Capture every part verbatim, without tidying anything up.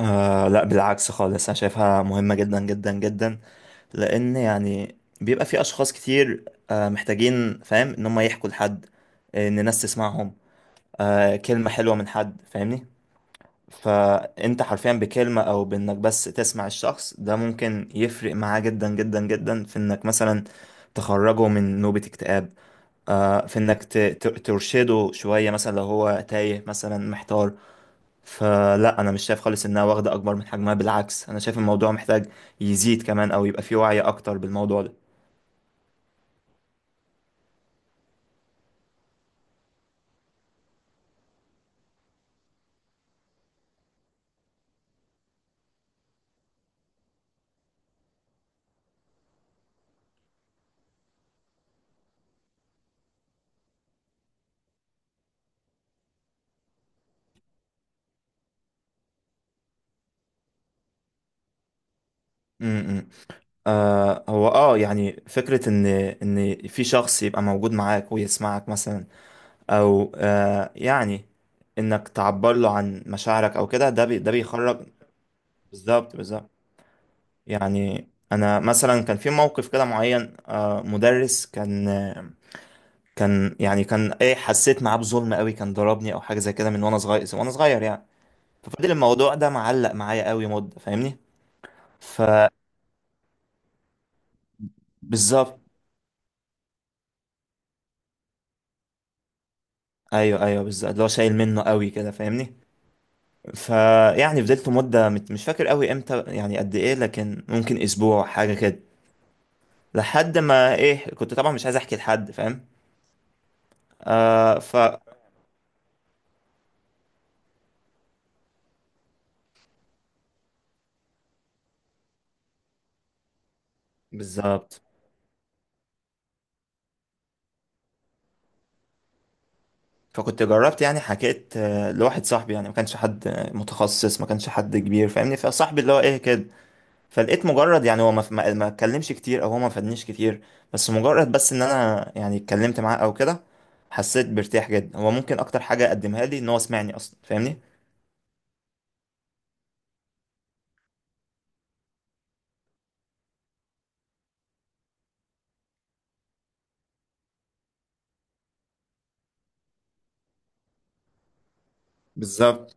آه لا، بالعكس خالص، انا شايفها مهمة جدا جدا جدا. لان يعني بيبقى في اشخاص كتير آه محتاجين، فاهم ان هم يحكوا لحد، ان ناس تسمعهم، آه كلمة حلوة من حد، فاهمني؟ فانت حرفيا بكلمة او بانك بس تسمع الشخص ده ممكن يفرق معاه جدا جدا جدا، في انك مثلا تخرجه من نوبة اكتئاب، آه في انك ت- ت- ترشده شوية مثلا لو هو تايه مثلا محتار. فلا، انا مش شايف خالص انها واخده اكبر من حجمها، بالعكس انا شايف الموضوع محتاج يزيد كمان، او يبقى فيه وعي اكتر بالموضوع ده. امم آه هو اه يعني فكره ان ان في شخص يبقى موجود معاك ويسمعك مثلا، او آه يعني انك تعبر له عن مشاعرك او كده، ده بي ده بيخرج. بالظبط، بالظبط. يعني انا مثلا كان في موقف كده معين، آه مدرس كان، آه، كان يعني كان ايه، حسيت معاه بظلم قوي. كان ضربني او حاجه زي كده من وانا صغير وانا صغير يعني. فضل الموضوع ده معلق معايا قوي مدة، فاهمني؟ فبالظبط. ايوه ايوه، بالظبط، اللي هو شايل منه قوي كده، فاهمني؟ فيعني فضلت مدة، مت- مش فاكر قوي امتى، يعني قد ايه، لكن ممكن اسبوع، حاجة كده، لحد ما ايه كنت طبعا مش عايز احكي لحد، فاهم؟ آه ف بالظبط. فكنت جربت، يعني حكيت، آه، لواحد صاحبي، يعني ما كانش حد آه، متخصص، ما كانش حد كبير، فاهمني؟ فصاحبي اللي هو ايه كده. فلقيت مجرد، يعني هو ما ما ما اتكلمش كتير، او هو ما فادنيش كتير، بس مجرد، بس ان انا يعني اتكلمت معاه او كده، حسيت بارتياح جدا. هو ممكن اكتر حاجة قدمها لي ان هو سمعني اصلا، فاهمني؟ بالظبط،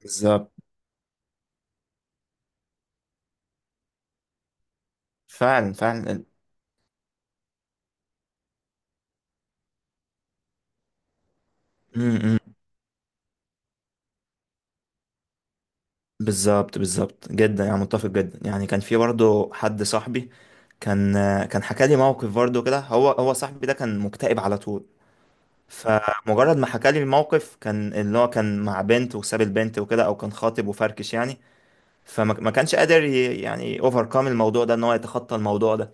بالظبط. فعلا، فعلا. امم، بالظبط، بالظبط جدا، يعني متفق جدا. يعني كان في برضه حد صاحبي، كان كان حكى لي موقف برضه كده. هو هو صاحبي ده كان مكتئب على طول. فمجرد ما حكى لي الموقف، كان اللي هو كان مع بنت وساب البنت وكده، او كان خاطب وفركش يعني. فما ما كانش قادر ي- يعني اوفركم الموضوع ده، ان هو يتخطى الموضوع ده.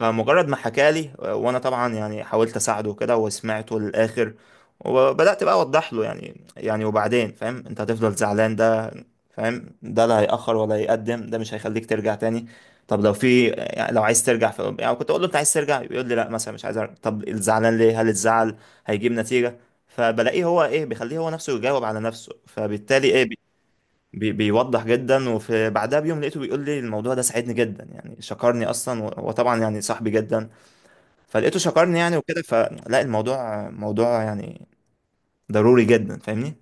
فمجرد ما حكى لي، وانا طبعا يعني حاولت اساعده كده وسمعته للاخر، وبدات بقى اوضح له، يعني يعني وبعدين فاهم انت هتفضل زعلان ده، فاهم، ده لا هيأخر ولا هيقدم، ده مش هيخليك ترجع تاني. طب لو في، يعني لو عايز ترجع ف... يعني كنت اقول له انت عايز ترجع، يقول لي لا مثلا، مش عايز ارجع. طب الزعلان ليه؟ هل الزعل هيجيب نتيجة؟ فبلاقيه هو ايه، بيخليه هو نفسه يجاوب على نفسه، فبالتالي ايه، بي بيوضح جدا. وفي بعدها بيوم لقيته بيقول لي الموضوع ده ساعدني جدا، يعني شكرني اصلا، و- وطبعا يعني صاحبي جدا، فلقيته شكرني يعني وكده. فلا، الموضوع موضوع يعني ضروري جدا، فاهمني؟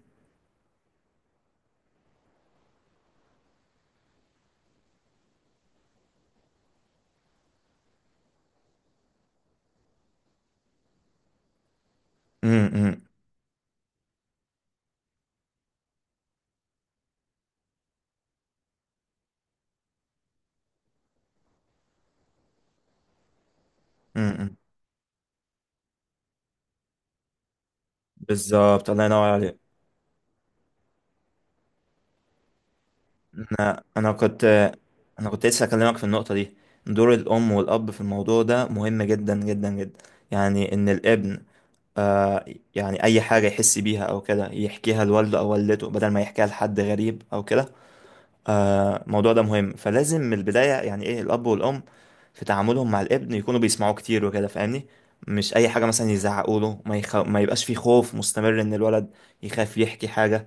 امم. امم. بالظبط، الله ينور عليك. انا انا كنت انا كنت لسه اكلمك في النقطه دي. دور الام والاب في الموضوع ده مهم جدا جدا جدا. يعني ان الابن، آه يعني اي حاجه يحس بيها او كده يحكيها لوالده او والدته، بدل ما يحكيها لحد غريب او كده. آه، الموضوع ده مهم، فلازم من البداية يعني ايه الأب والأم في تعاملهم مع الابن يكونوا بيسمعوه كتير وكده، فاهمني؟ مش أي حاجة مثلا يزعقوا له، ما, يخ... ما يبقاش في خوف مستمر إن الولد يخاف يحكي حاجة.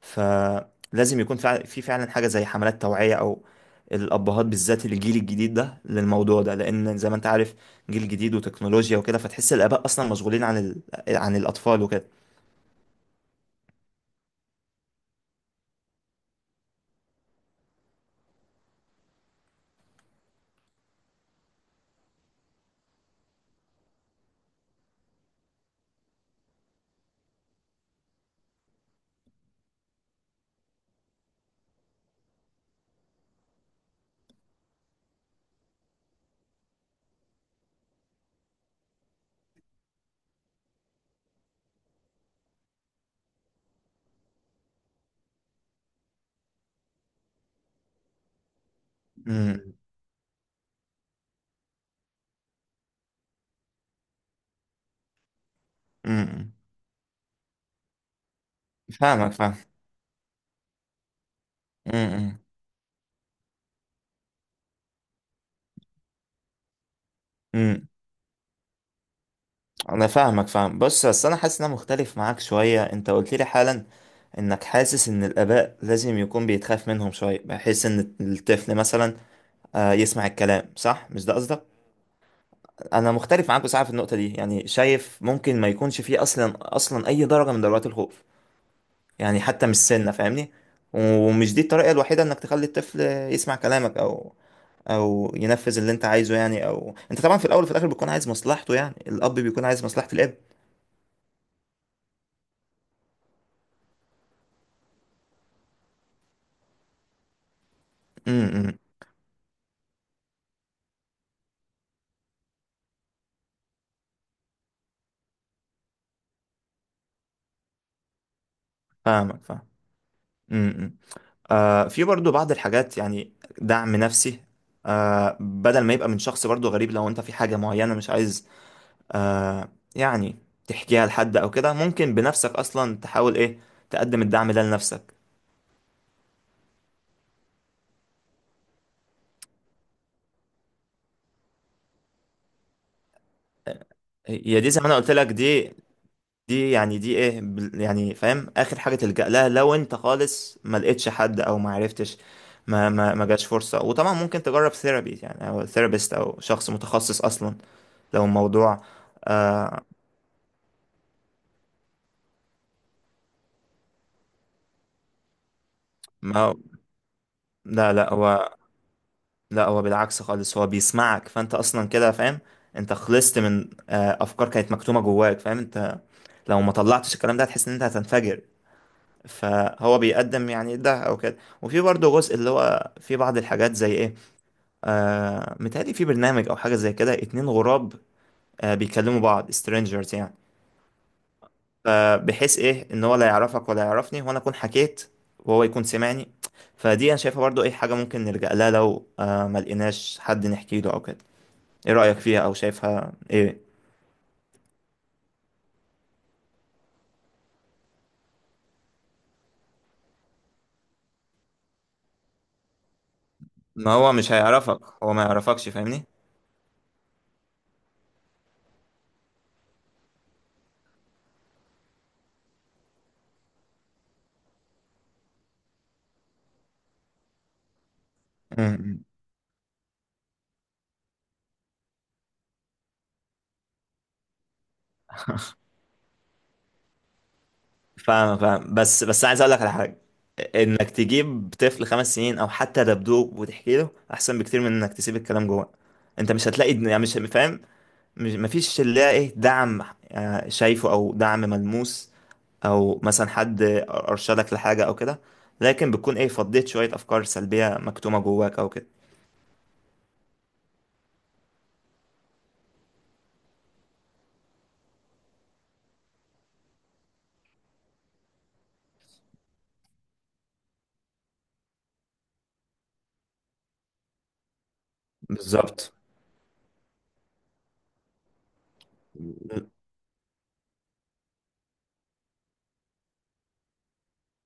فلازم يكون فع... في فعلا حاجة زي حملات توعية، أو الأبهات بالذات الجيل الجديد ده للموضوع ده، لأن زي ما أنت عارف، جيل جديد وتكنولوجيا وكده، فتحس الآباء أصلا مشغولين عن ال... عن الأطفال وكده. امم. أمم. فاهمك، فاهم. امم. أمم. انا فاهمك، فاهم. بص، بس انا حاسس ان انا مختلف معاك شويه. انت قلت لي حالا انك حاسس ان الاباء لازم يكون بيتخاف منهم شويه بحيث ان الطفل مثلا، آه، يسمع الكلام صح، مش ده قصدك؟ انا مختلف معاك بصراحه في النقطه دي، يعني شايف ممكن ما يكونش فيه اصلا اصلا اي درجه من درجات الخوف، يعني حتى مش سنه، فاهمني؟ ومش دي الطريقه الوحيده انك تخلي الطفل يسمع كلامك او او ينفذ اللي انت عايزه. يعني او انت طبعا في الاول وفي الاخر بتكون عايز مصلحته، يعني الاب بيكون عايز مصلحه الاب. امم. إمم. فاهمك، فاهم. امم. إمم. آه في برضو بعض الحاجات، يعني دعم نفسي، آه بدل ما يبقى من شخص برضو غريب، لو انت في حاجة معينة مش عايز آه يعني تحكيها لحد او كده، ممكن بنفسك اصلا تحاول ايه تقدم الدعم ده لنفسك. هي دي زي ما انا قلت لك، دي دي يعني دي ايه بال- يعني فاهم، اخر حاجة تلجأ لها لو انت خالص ما لقيتش حد، او ما عرفتش، ما ما ما جاش فرصة. وطبعا ممكن تجرب ثيرابي يعني، او ثيرابيست او شخص متخصص اصلا، لو الموضوع. لا، لا، هو، لا هو بالعكس خالص، هو بيسمعك، فانت اصلا كده فاهم انت خلصت من آه، افكار كانت مكتومه جواك. فاهم انت لو ما طلعتش الكلام ده هتحس ان انت هتنفجر. فهو بيقدم يعني ده او كده. وفي برضه جزء اللي هو في بعض الحاجات زي ايه، آه متهيألي في برنامج او حاجه زي كده اتنين غراب، آه بيكلموا بعض strangers يعني. فبحيث ايه ان هو لا يعرفك ولا يعرفني، وانا اكون حكيت وهو يكون سمعني. فدي انا شايفها برضو ايه، حاجه ممكن نلجأ لها لو آه ما لقيناش حد نحكي له او كده. ايه رأيك فيها، او شايفها ايه؟ ما هو مش هيعرفك، هو ما يعرفكش، فاهمني؟ امم. فاهم، فاهم. بس بس عايز اقول لك على حاجة. انك تجيب طفل خمس سنين او حتى دبدوب وتحكي له احسن بكتير من انك تسيب الكلام جوه. انت مش هتلاقي، يعني مش فاهم، مش، مفيش اللي هي ايه دعم، آه، شايفه، او دعم ملموس، او مثلا حد ارشدك لحاجة او كده، لكن بتكون ايه، فضيت شوية افكار سلبية مكتومة جواك او كده. بالظبط،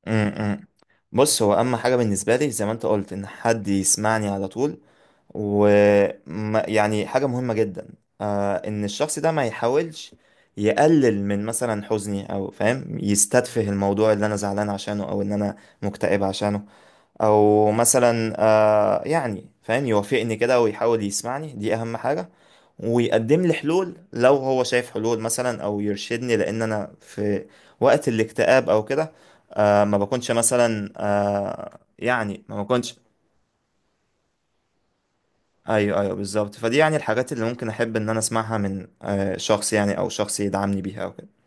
امم. بص، هو اهم حاجه بالنسبه لي، زي ما انت قلت، ان حد يسمعني على طول، ويعني حاجه مهمه جدا آه ان الشخص ده ما يحاولش يقلل من مثلا حزني، او فاهم يستتفه الموضوع اللي انا زعلان عشانه، او ان انا مكتئب عشانه. او مثلا آه يعني فاهم يوافقني كده ويحاول يسمعني، دي اهم حاجة. ويقدم لي حلول لو هو شايف حلول مثلا، او يرشدني، لان انا في وقت الاكتئاب او كده آه ما بكونش مثلا آه يعني ما بكونش. ايوه، ايوه، بالظبط. فدي يعني الحاجات اللي ممكن احب ان انا اسمعها من آه شخص، يعني او شخص يدعمني بيها او كده.